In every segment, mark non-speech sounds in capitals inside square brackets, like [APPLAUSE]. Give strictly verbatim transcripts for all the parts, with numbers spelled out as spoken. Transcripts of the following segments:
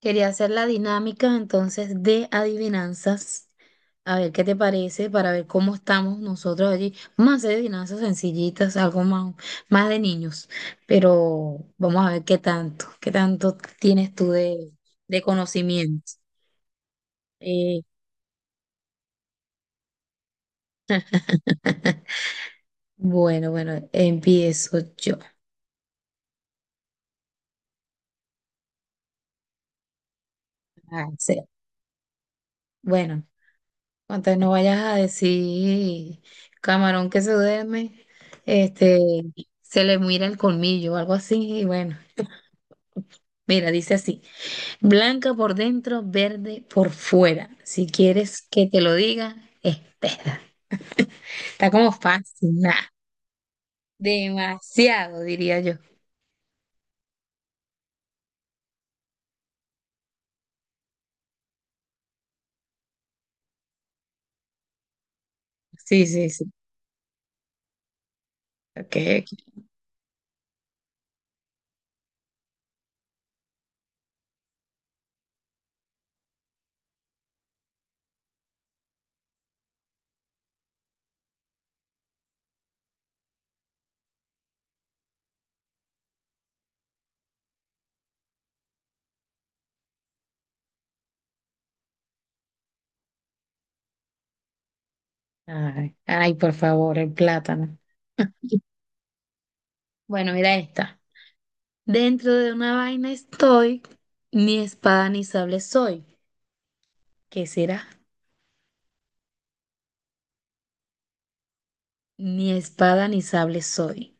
Quería hacer la dinámica entonces de adivinanzas. A ver qué te parece para ver cómo estamos nosotros allí. Vamos a hacer adivinanzas sencillitas, algo más, más de niños, pero vamos a ver qué tanto, qué tanto tienes tú de, de conocimiento. Eh, [LAUGHS] bueno, bueno, empiezo yo. A hacer. Bueno. Entonces no vayas a decir, camarón que se duerme, este, se le mira el colmillo o algo así. Y bueno, mira, dice así, blanca por dentro, verde por fuera. Si quieres que te lo diga, espera. Está como fácil, nah. Demasiado, diría yo. Sí, sí, sí. Ok, ok. Ay, ay, por favor, el plátano. [LAUGHS] Bueno, mira esta. Dentro de una vaina estoy, ni espada ni sable soy. ¿Qué será? Ni espada ni sable soy.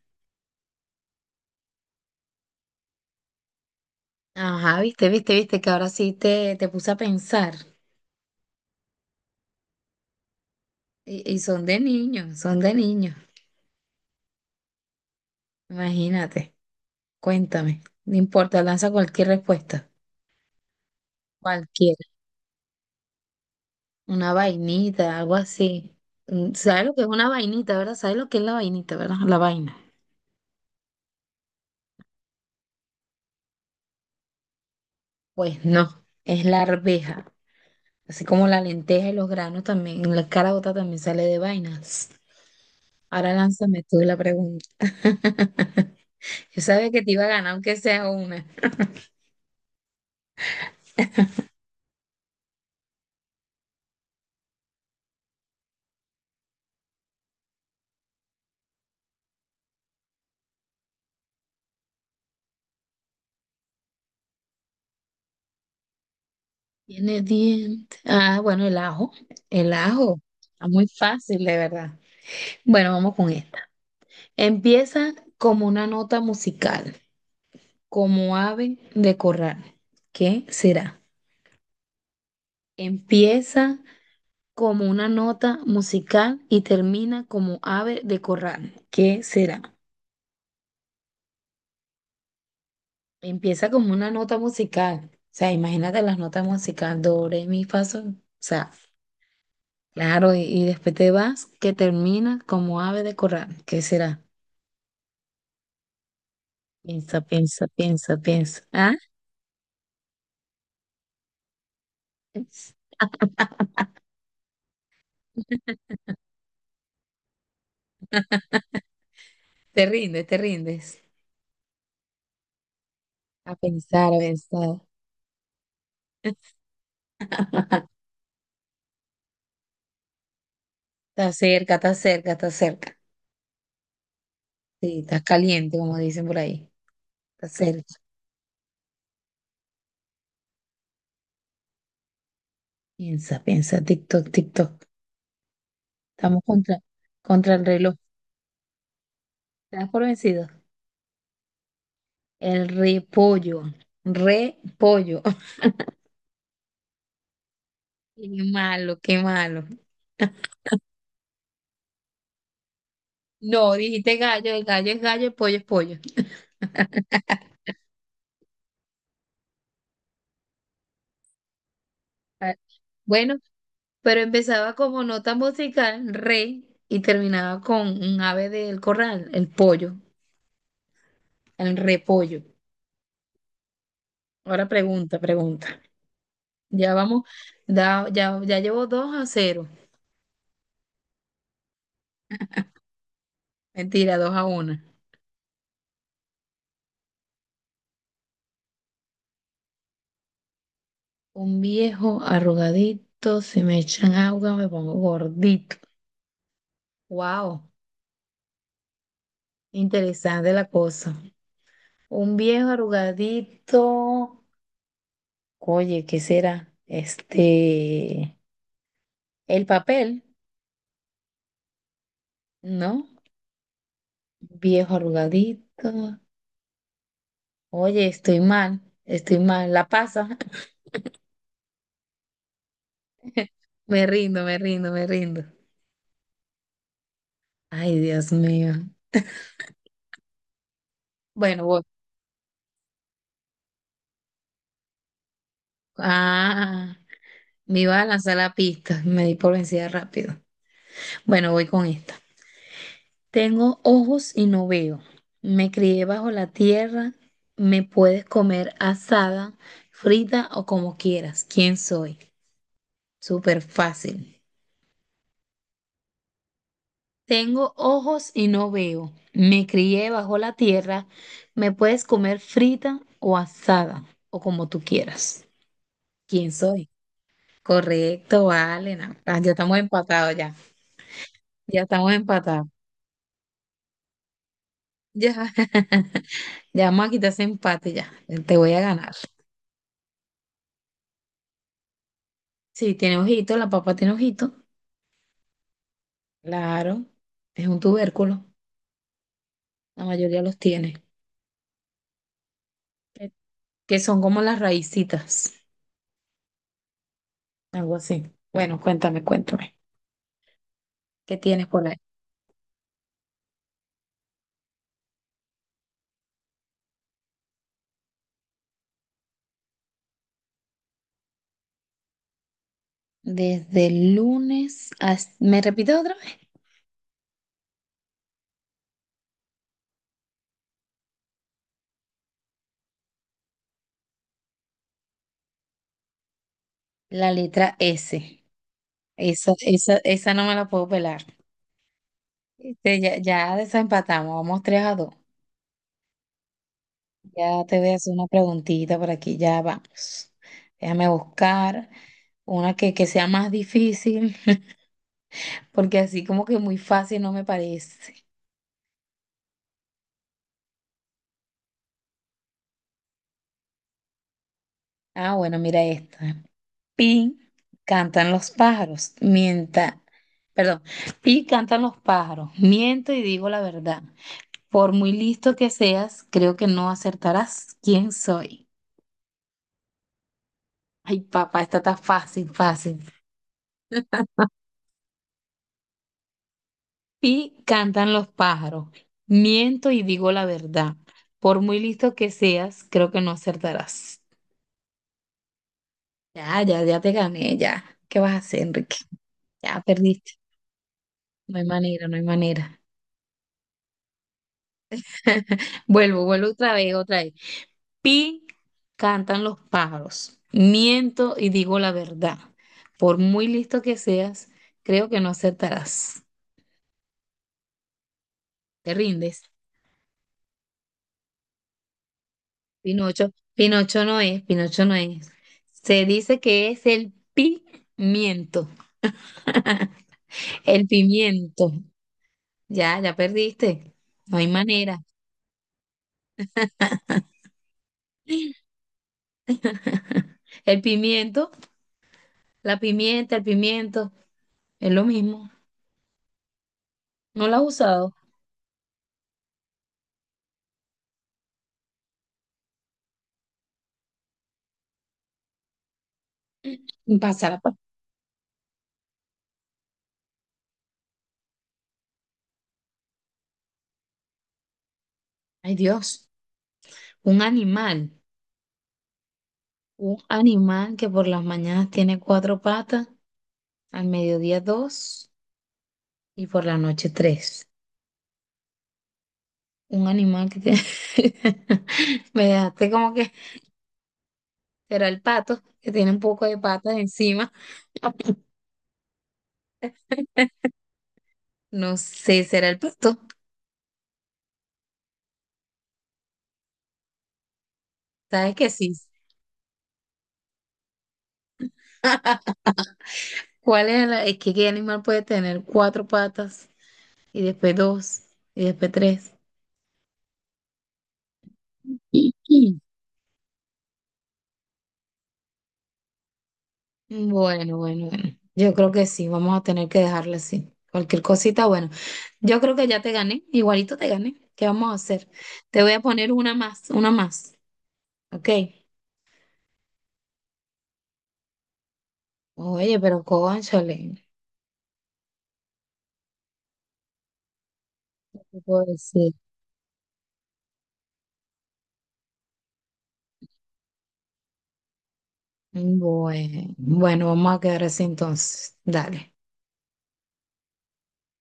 Ajá, viste, viste, viste que ahora sí te, te puse a pensar. Y, y son de niños, son de niños. Imagínate, cuéntame. No importa, lanza cualquier respuesta. Cualquiera. Una vainita, algo así. Mm, ¿sabes lo que es una vainita, verdad? ¿Sabes lo que es la vainita, verdad? La vaina. Pues no, es la arveja. Así como la lenteja y los granos también, la caraota también sale de vainas. Ahora lánzame tú la pregunta. [LAUGHS] Yo sabía que te iba a ganar, aunque sea una. Tiene dientes. Ah, bueno, el ajo. El ajo. Está muy fácil, de verdad. Bueno, vamos con esta. Empieza como una nota musical, como ave de corral. ¿Qué será? Empieza como una nota musical y termina como ave de corral. ¿Qué será? Empieza como una nota musical. O sea, imagínate las notas musicales. Do, re, mi, fa, sol. O sea, claro, y, y después te vas que termina como ave de corral. ¿Qué será? Piensa, piensa, piensa, piensa. ¿Ah? Te rindes, te rindes. A pensar, a pensar. Está cerca, está cerca, está cerca. Sí, estás caliente, como dicen por ahí. Está cerca. Piensa, piensa, TikTok, TikTok. Estamos contra, contra el reloj. ¿Estás por vencido? El repollo. Repollo. [LAUGHS] Qué malo, qué malo. No, dijiste gallo, el gallo es gallo, el pollo es pollo. Ah, bueno. Pero empezaba como nota musical, re, y terminaba con un ave del corral, el pollo, el repollo. Ahora pregunta, pregunta. Ya vamos, da- ya, ya llevo dos a cero. Mentira, dos a uno. Un viejo arrugadito, si me echan agua me pongo gordito. Wow, interesante la cosa. Un viejo arrugadito. Oye, ¿qué será? Este, el papel, ¿no? Viejo arrugadito. Oye, estoy mal, estoy mal. La pasa. [LAUGHS] Me rindo, me rindo, me rindo. Ay, Dios mío. Bueno, voy. Ah, me iba a lanzar la pista. Me di por vencida rápido. Bueno, voy con esta. Tengo ojos y no veo. Me crié bajo la tierra. Me puedes comer asada, frita o como quieras. ¿Quién soy? Súper fácil. Tengo ojos y no veo. Me crié bajo la tierra. Me puedes comer frita o asada o como tú quieras. ¿Quién soy? Correcto, vale. No. Ah, ya estamos empatados ya. Ya estamos empatados. Ya, [LAUGHS] ya vamos a quitar ese empate ya. Te voy a ganar. Sí, tiene ojito, la papa tiene ojito. Claro, es un tubérculo. La mayoría los tiene. Que que son como las raícitas, algo así. Bueno, cuéntame, cuéntame. ¿Qué tienes por ahí? Desde el lunes hasta... ¿Me repito otra vez? La letra S. Esa, esa, esa no me la puedo pelar. Este, ya, ya desempatamos, vamos tres a dos. Ya te voy a hacer una preguntita por aquí, ya vamos. Déjame buscar una que, que sea más difícil, porque así como que muy fácil no me parece. Ah, bueno, mira esta. Pi cantan los pájaros, mienta, perdón, pi cantan los pájaros, miento y digo la verdad. Por muy listo que seas, creo que no acertarás quién soy. Ay, papá, esta está fácil, fácil. Y cantan los pájaros. Miento y digo la verdad. Por muy listo que seas, creo que no acertarás. Ya, ya, ya te gané, ya. ¿Qué vas a hacer, Enrique? Ya perdiste. No hay manera, no hay manera. [LAUGHS] Vuelvo, vuelvo otra vez, otra vez. Pi, cantan los pájaros. Miento y digo la verdad. Por muy listo que seas, creo que no acertarás. Te rindes. Pinocho. Pinocho no es, Pinocho no es. Se dice que es el pimiento. [LAUGHS] El pimiento. Ya, ya perdiste. No hay manera. [LAUGHS] El pimiento, la pimienta, el pimiento, es lo mismo. No la has usado. Pasa la pa- Ay, Dios. Un animal. Un animal que por las mañanas tiene cuatro patas, al mediodía dos y por la noche tres. Un animal que tiene... [LAUGHS] Me dejaste como que será el pato, que tiene un poco de patas encima. [LAUGHS] No sé, será el pato. ¿Sabes que sí? [LAUGHS] ¿Cuál es la... Es que qué animal puede tener cuatro patas y después dos y después tres. Iki. Bueno, bueno, bueno. Yo creo que sí, vamos a tener que dejarla así. Cualquier cosita, bueno. Yo creo que ya te gané, igualito te gané. ¿Qué vamos a hacer? Te voy a poner una más, una más. ¿Ok? Oye, pero cónchale, ¿qué te puedo decir? Bueno, bueno, vamos a quedar así entonces. Dale.